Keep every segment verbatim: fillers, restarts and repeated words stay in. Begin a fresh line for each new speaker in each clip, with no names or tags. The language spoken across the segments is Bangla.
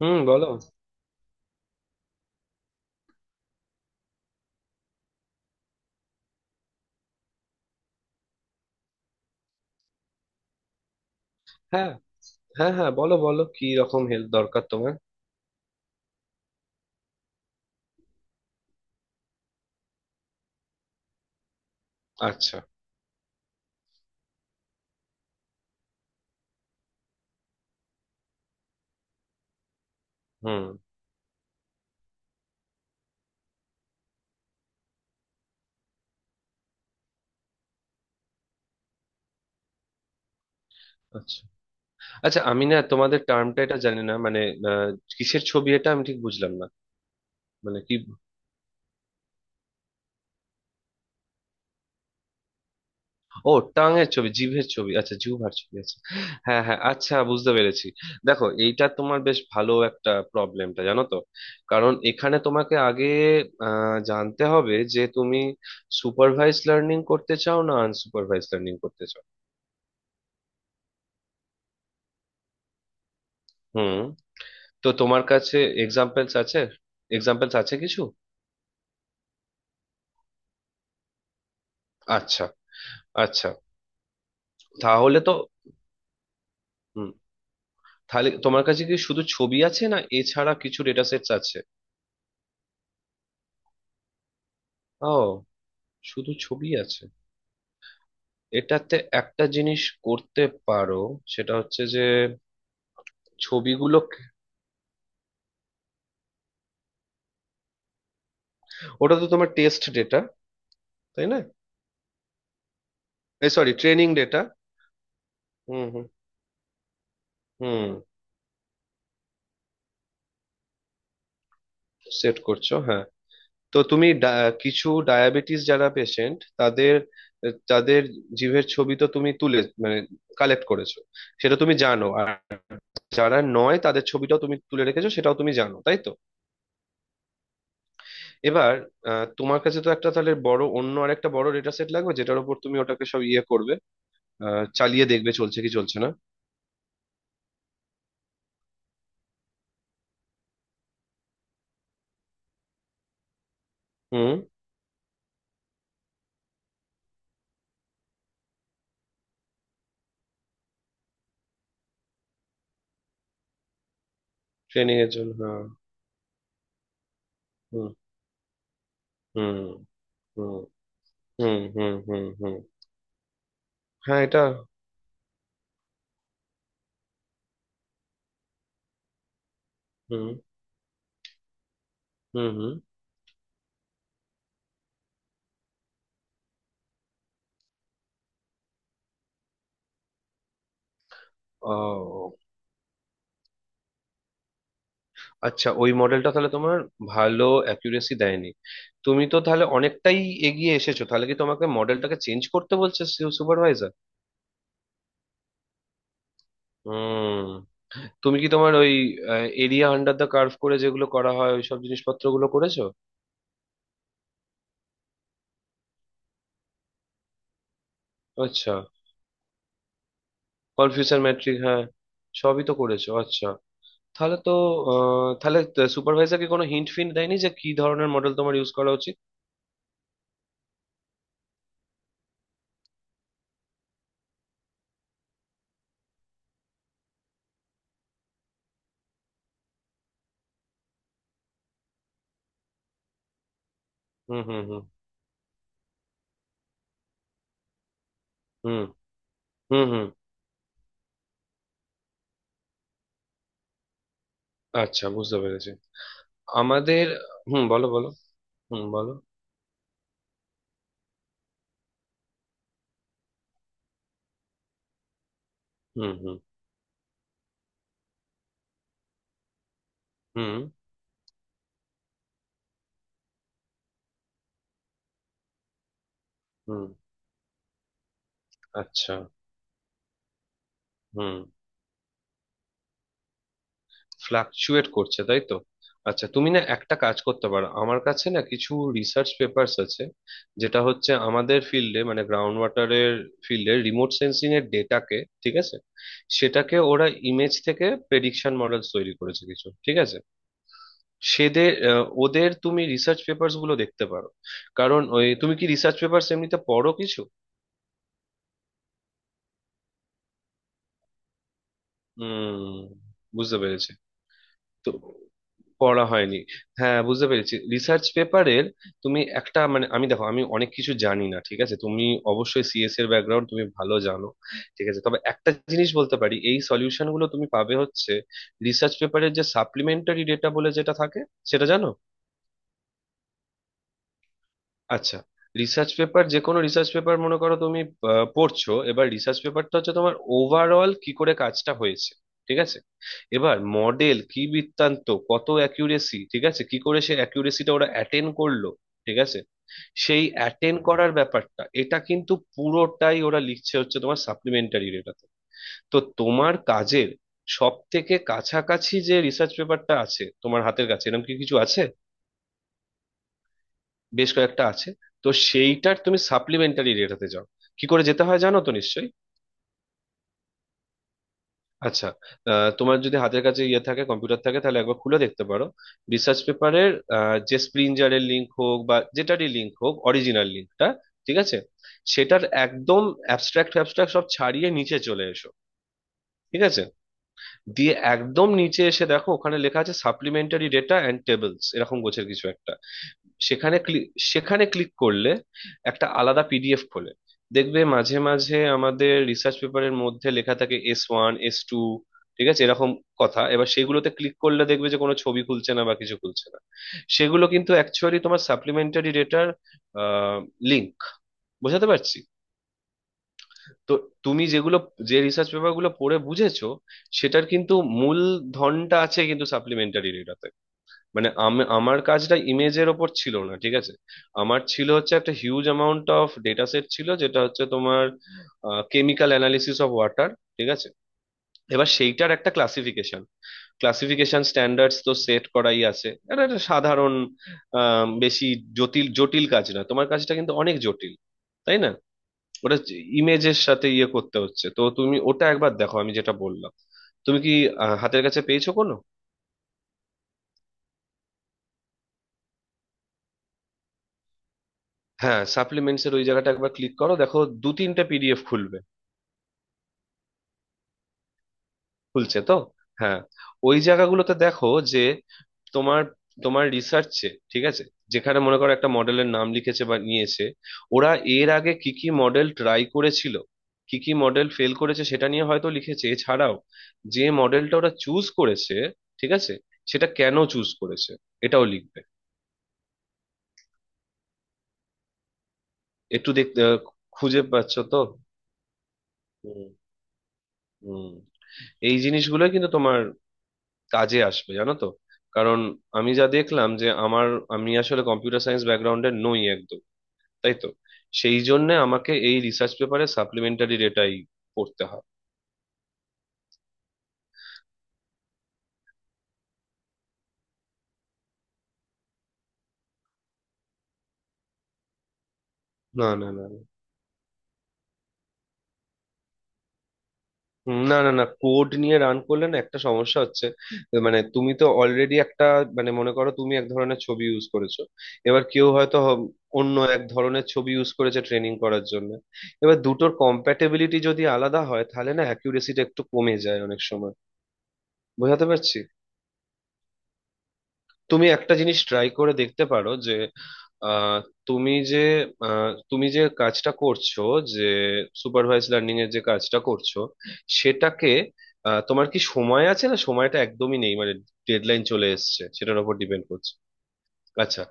হুম, বলো। হ্যাঁ, হ্যাঁ, হ্যাঁ, বলো বলো, কি রকম হেল্প দরকার তোমার? আচ্ছা। হুম। আচ্ছা, আচ্ছা, আমি না তোমাদের টার্মটা এটা জানি না, মানে আহ, কিসের ছবি এটা আমি ঠিক বুঝলাম না, মানে কি? ও, টাঙের ছবি, জিভের ছবি, আচ্ছা, জিহ্বার ছবি, আচ্ছা। হ্যাঁ, হ্যাঁ, আচ্ছা, বুঝতে পেরেছি। দেখো, এইটা তোমার বেশ ভালো একটা প্রবলেমটা, জানো তো। কারণ এখানে তোমাকে আগে আহ, জানতে হবে যে তুমি সুপারভাইজ লার্নিং করতে চাও না আনসুপারভাইজ লার্নিং করতে চাও। হুম। তো তোমার কাছে এক্সাম্পলস আছে, এক্সাম্পলস আছে কিছু? আচ্ছা, আচ্ছা। তাহলে তো... হুম, তাহলে তোমার কাছে কি শুধু ছবি আছে, না এছাড়া কিছু ডেটা সেটস আছে? ও, শুধু ছবি আছে। এটাতে একটা জিনিস করতে পারো, সেটা হচ্ছে যে ছবিগুলো... ওটা তো তোমার টেস্ট ডেটা, তাই না? এই, সরি, ট্রেনিং ডেটা। হুম হুম হুম। সেট করছো, হ্যাঁ। তো তুমি ডা- কিছু ডায়াবেটিস যারা পেশেন্ট তাদের, তাদের জিভের ছবি তো তুমি তুলে, মানে কালেক্ট করেছো, সেটা তুমি জানো। আর যারা নয় তাদের ছবিটাও তুমি তুলে রেখেছো, সেটাও তুমি জানো, তাই তো? এবার আহ, তোমার কাছে তো একটা তাহলে বড়, অন্য আরেকটা বড় ডেটা সেট লাগবে যেটার উপর তুমি ওটাকে সব ইয়ে করবে, আহ, চালিয়ে দেখবে, চলছে কি চলছে না। হুম। ট্রেনিং এর জন্য। হ্যাঁ। হুম হুম হুম হুম হুম। হুম হুম। হ্যাঁ, এটা... হুম হুম হুম। ও আচ্ছা, ওই মডেলটা তাহলে তোমার ভালো অ্যাকুরেসি দেয়নি। তুমি তো তাহলে অনেকটাই এগিয়ে এসেছো। তাহলে কি তোমাকে মডেলটাকে চেঞ্জ করতে বলছে সুপারভাইজার? হুম। তুমি কি তোমার ওই এরিয়া আন্ডার দ্য কার্ভ করে, যেগুলো করা হয়, ওই সব জিনিসপত্রগুলো করেছো? আচ্ছা। কনফিউশন ম্যাট্রিক, হ্যাঁ। সবই তো করেছো, আচ্ছা। তাহলে তো আহ, তাহলে সুপারভাইজার কি কোনো হিন্ট ফিন্ট দেয়নি যে কি ধরনের মডেল তোমার ইউজ করা উচিত? হুম হুম হুম হুম হুম হুম। আচ্ছা, বুঝতে পেরেছি। আমাদের... হুম, বলো বলো। হুম, বলো। হুম হুম হুম হুম। আচ্ছা। হুম। ফ্লাকচুয়েট করছে, তাই তো? আচ্ছা, তুমি না একটা কাজ করতে পারো। আমার কাছে না কিছু রিসার্চ পেপার্স আছে, যেটা হচ্ছে আমাদের ফিল্ডে, মানে গ্রাউন্ড ওয়াটারের ফিল্ডে রিমোট সেন্সিং এর ডেটাকে, ঠিক আছে, সেটাকে ওরা ইমেজ থেকে প্রেডিকশন মডেলস তৈরি করেছে কিছু, ঠিক আছে। সেদের, আহ, ওদের তুমি রিসার্চ পেপার্স গুলো দেখতে পারো। কারণ ওই, তুমি কি রিসার্চ পেপার্স এমনিতে পড়ো কিছু? হুম, বুঝতে পেরেছি। তো পড়া হয়নি। হ্যাঁ, বুঝতে পেরেছি। রিসার্চ পেপারের... তুমি একটা, মানে আমি, দেখো, আমি অনেক কিছু জানি না, ঠিক আছে, তুমি অবশ্যই সিএস এর ব্যাকগ্রাউন্ড তুমি ভালো জানো, ঠিক আছে, তবে একটা জিনিস বলতে পারি, এই সলিউশন গুলো তুমি পাবে হচ্ছে রিসার্চ পেপারের যে সাপ্লিমেন্টারি ডেটা বলে যেটা থাকে, সেটা জানো? আচ্ছা, রিসার্চ পেপার, যে কোনো রিসার্চ পেপার মনে করো তুমি আহ, পড়ছো, এবার রিসার্চ পেপারটা হচ্ছে তোমার ওভারঅল কি করে কাজটা হয়েছে, ঠিক আছে, এবার মডেল কি বৃত্তান্ত, কত অ্যাকিউরেসি, ঠিক আছে, কি করে সে অ্যাকিউরেসিটা ওরা অ্যাটেন্ড করলো, ঠিক আছে, সেই অ্যাটেন্ড করার ব্যাপারটা এটা কিন্তু পুরোটাই ওরা লিখছে হচ্ছে তোমার সাপ্লিমেন্টারি ডেটাতে। তো তোমার কাজের সব থেকে কাছাকাছি যে রিসার্চ পেপারটা আছে তোমার হাতের কাছে, এরকম কি কিছু আছে? বেশ কয়েকটা আছে? তো সেইটার তুমি সাপ্লিমেন্টারি রেটাতে যাও। কি করে যেতে হয় জানো তো নিশ্চয়ই? আচ্ছা, আহ, তোমার যদি হাতের কাছে ইয়ে থাকে, কম্পিউটার থাকে, তাহলে একবার খুলে দেখতে পারো রিসার্চ পেপারের, যে স্প্রিঞ্জারের লিঙ্ক হোক বা যেটারই লিঙ্ক হোক, অরিজিনাল লিঙ্কটা, ঠিক আছে? সেটার একদম অ্যাবস্ট্রাক্ট, অ্যাবস্ট্রাক্ট সব ছাড়িয়ে নিচে চলে এসো, ঠিক আছে? দিয়ে একদম নিচে এসে দেখো ওখানে লেখা আছে সাপ্লিমেন্টারি ডেটা অ্যান্ড টেবলস, এরকম গোছের কিছু একটা। সেখানে ক্লিক সেখানে ক্লিক করলে একটা আলাদা পিডিএফ খোলে। দেখবে মাঝে মাঝে আমাদের রিসার্চ পেপারের মধ্যে লেখা থাকে এস ওয়ান, এস টু, ঠিক আছে, এরকম কথা। এবার সেগুলোতে ক্লিক করলে দেখবে যে কোনো ছবি খুলছে না বা কিছু খুলছে না, সেগুলো কিন্তু অ্যাকচুয়ালি তোমার সাপ্লিমেন্টারি ডেটার লিঙ্ক। বোঝাতে পারছি? তো তুমি যেগুলো, যে রিসার্চ পেপার গুলো পড়ে বুঝেছো, সেটার কিন্তু মূল ধনটা আছে কিন্তু সাপ্লিমেন্টারি ডেটাতে। মানে আম- আমার কাজটা ইমেজের ওপর ছিল না, ঠিক আছে, আমার ছিল হচ্ছে একটা huge amount of data set ছিল যেটা হচ্ছে তোমার কেমিক্যাল অ্যানালিসিস অফ ওয়াটার, ঠিক আছে? এবার সেইটার একটা ক্লাসিফিকেশন, ক্লাসিফিকেশন স্ট্যান্ডার্ডস তো সেট করাই আছে, এটা একটা সাধারণ, আম, বেশি জটিল জটিল কাজ না। তোমার কাজটা কিন্তু অনেক জটিল, তাই না? ওটা ইমেজের সাথে ইয়ে করতে হচ্ছে, তো তুমি ওটা একবার দেখো আমি যেটা বললাম। তুমি কি আহ, হাতের কাছে পেয়েছো কোনো? হ্যাঁ, সাপ্লিমেন্টস এর ওই জায়গাটা একবার ক্লিক করো, দেখো দু তিনটে পিডিএফ খুলবে। খুলছে তো? হ্যাঁ, ওই জায়গাগুলোতে দেখো যে তোমার, তোমার রিসার্চে, ঠিক আছে, যেখানে মনে করো একটা মডেলের নাম লিখেছে বা নিয়েছে, ওরা এর আগে কি কি মডেল ট্রাই করেছিল, কি কি মডেল ফেল করেছে সেটা নিয়ে হয়তো লিখেছে, এছাড়াও যে মডেলটা ওরা চুজ করেছে, ঠিক আছে, সেটা কেন চুজ করেছে, এটাও লিখবে। একটু দেখতে, খুঁজে পাচ্ছ তো? হুম হুম। এই জিনিসগুলোই কিন্তু তোমার কাজে আসবে, জানো তো। কারণ আমি যা দেখলাম, যে আমার, আমি আসলে কম্পিউটার সায়েন্স ব্যাকগ্রাউন্ডের নই একদম, তাই তো, সেই জন্য আমাকে এই রিসার্চ পেপারে সাপ্লিমেন্টারি ডেটাই পড়তে হয়। না না না না, না না না, কোড নিয়ে রান করলে না একটা সমস্যা হচ্ছে, মানে তুমি তো অলরেডি একটা, মানে মনে করো তুমি এক ধরনের ছবি ইউজ করেছো, এবার কেউ হয়তো হ- অন্য এক ধরনের ছবি ইউজ করেছে ট্রেনিং করার জন্য। এবার দুটোর কম্প্যাটেবিলিটি যদি আলাদা হয় তাহলে না অ্যাকিউরেসিটা একটু কমে যায় অনেক সময়। বোঝাতে পারছি? তুমি একটা জিনিস ট্রাই করে দেখতে পারো, যে আহ, তুমি যে আহ, তুমি যে কাজটা করছো, যে সুপারভাইজ লার্নিং এর যে কাজটা করছো, সেটাকে... আহ, তোমার কি সময় আছে, না সময়টা একদমই নেই, মানে ডেডলাইন চলে এসেছে, সেটার উপর ডিপেন্ড করছে। আচ্ছা,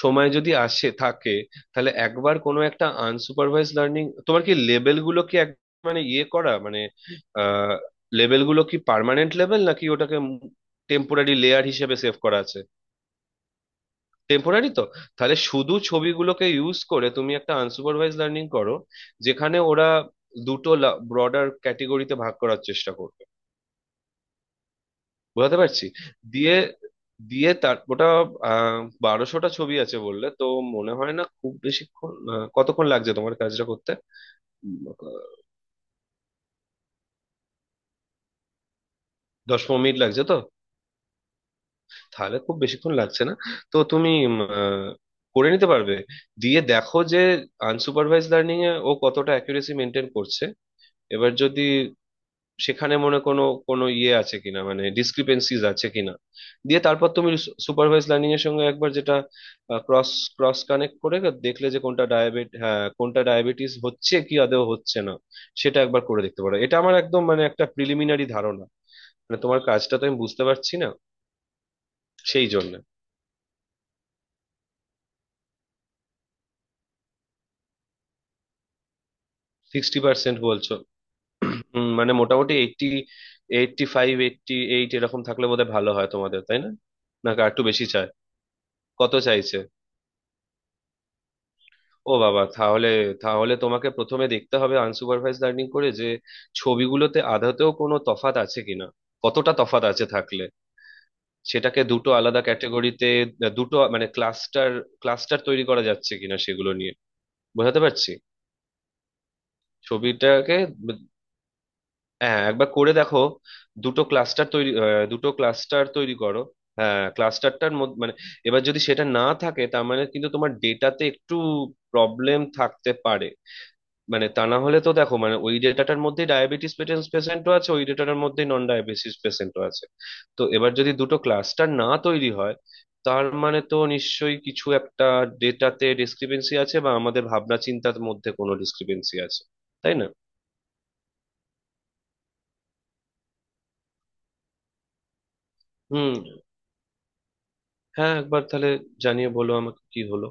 সময় যদি আসে থাকে তাহলে একবার কোনো একটা আনসুপারভাইজ লার্নিং... তোমার কি লেভেল গুলো কি এক, মানে ইয়ে করা, মানে আহ লেভেল গুলো কি পার্মানেন্ট লেভেল নাকি ওটাকে টেম্পোরারি লেয়ার হিসেবে সেভ করা আছে? টেম্পোরারি তো? তাহলে শুধু ছবিগুলোকে ইউজ করে তুমি একটা আনসুপারভাইজ লার্নিং করো যেখানে ওরা দুটো ব্রডার ক্যাটেগরিতে ভাগ করার চেষ্টা করবে। বুঝতে পারছি। দিয়ে, দিয়ে তার ওটা আহ বারোশোটা ছবি আছে বললে তো, মনে হয় না খুব বেশিক্ষণ, আহ, কতক্ষণ লাগছে তোমার কাজটা করতে? উম, দশ পনেরো মিনিট লাগছে তো? তাহলে খুব বেশিক্ষণ লাগছে না। তো তুমি উম, আহ, করে নিতে পারবে। দিয়ে দেখো যে আনসুপারভাইজ লার্নিং এ ও কতটা অ্যাকুরেসি মেনটেন করছে। এবার যদি সেখানে মনে কোনো, কোনো ইয়ে আছে কিনা, মানে ডিসক্রিপেন্সিজ আছে কিনা, দিয়ে তারপর তুমি সুপারভাইজ লার্নিং এর সঙ্গে একবার যেটা ক্রস ক্রস কানেক্ট করে দেখলে যে কোনটা ডায়াবেট, হ্যাঁ, কোনটা ডায়াবেটিস হচ্ছে কি আদৌ হচ্ছে না, সেটা একবার করে দেখতে পারো। এটা আমার একদম, মানে একটা প্রিলিমিনারি ধারণা, মানে তোমার কাজটা তো আমি বুঝতে পারছি না, সেই জন্য। সিক্সটি পার্সেন্ট বলছো? উম, মানে মোটামুটি eighty, eighty five, eighty eight এরকম থাকলে বোধহয় ভালো হয় তোমাদের, তাই না? না, আর একটু বেশি চায়? কত চাইছে? ও বাবা, তাহলে... তাহলে তোমাকে প্রথমে দেখতে হবে আনসুপারভাইজ লার্নিং করে যে ছবিগুলোতে আদতেও কোনো তফাত আছে কিনা, কতটা তফাত আছে, থাকলে সেটাকে দুটো আলাদা ক্যাটাগরিতে, দুটো মানে ক্লাস্টার, ক্লাস্টার তৈরি করা যাচ্ছে কিনা সেগুলো নিয়ে। বোঝাতে পারছি? ছবিটাকে... ব- হ্যাঁ, একবার করে দেখো, দুটো ক্লাস্টার তৈরি আহ, দুটো ক্লাস্টার তৈরি করো। হ্যাঁ, ক্লাস্টারটার মধ্যে মানে... এবার যদি সেটা না থাকে তার মানে কিন্তু তোমার ডেটাতে একটু প্রবলেম থাকতে পারে। মানে তা না হলে তো দেখো, মানে ওই ডেটাটার মধ্যে ডায়াবেটিস পেশেন্টও আছে, ওই ডেটাটার মধ্যে নন ডায়াবেটিস পেশেন্টও আছে, তো এবার যদি দুটো ক্লাস্টার না তৈরি হয় তার মানে তো নিশ্চয়ই কিছু একটা ডেটাতে ডিসক্রিপেন্সি আছে বা আমাদের ভাবনা চিন্তার মধ্যে কোনো ডিসক্রিপেন্সি আছে, তাই না? হুম, হ্যাঁ, একবার তাহলে জানিয়ে বলো আমাকে কি হলো।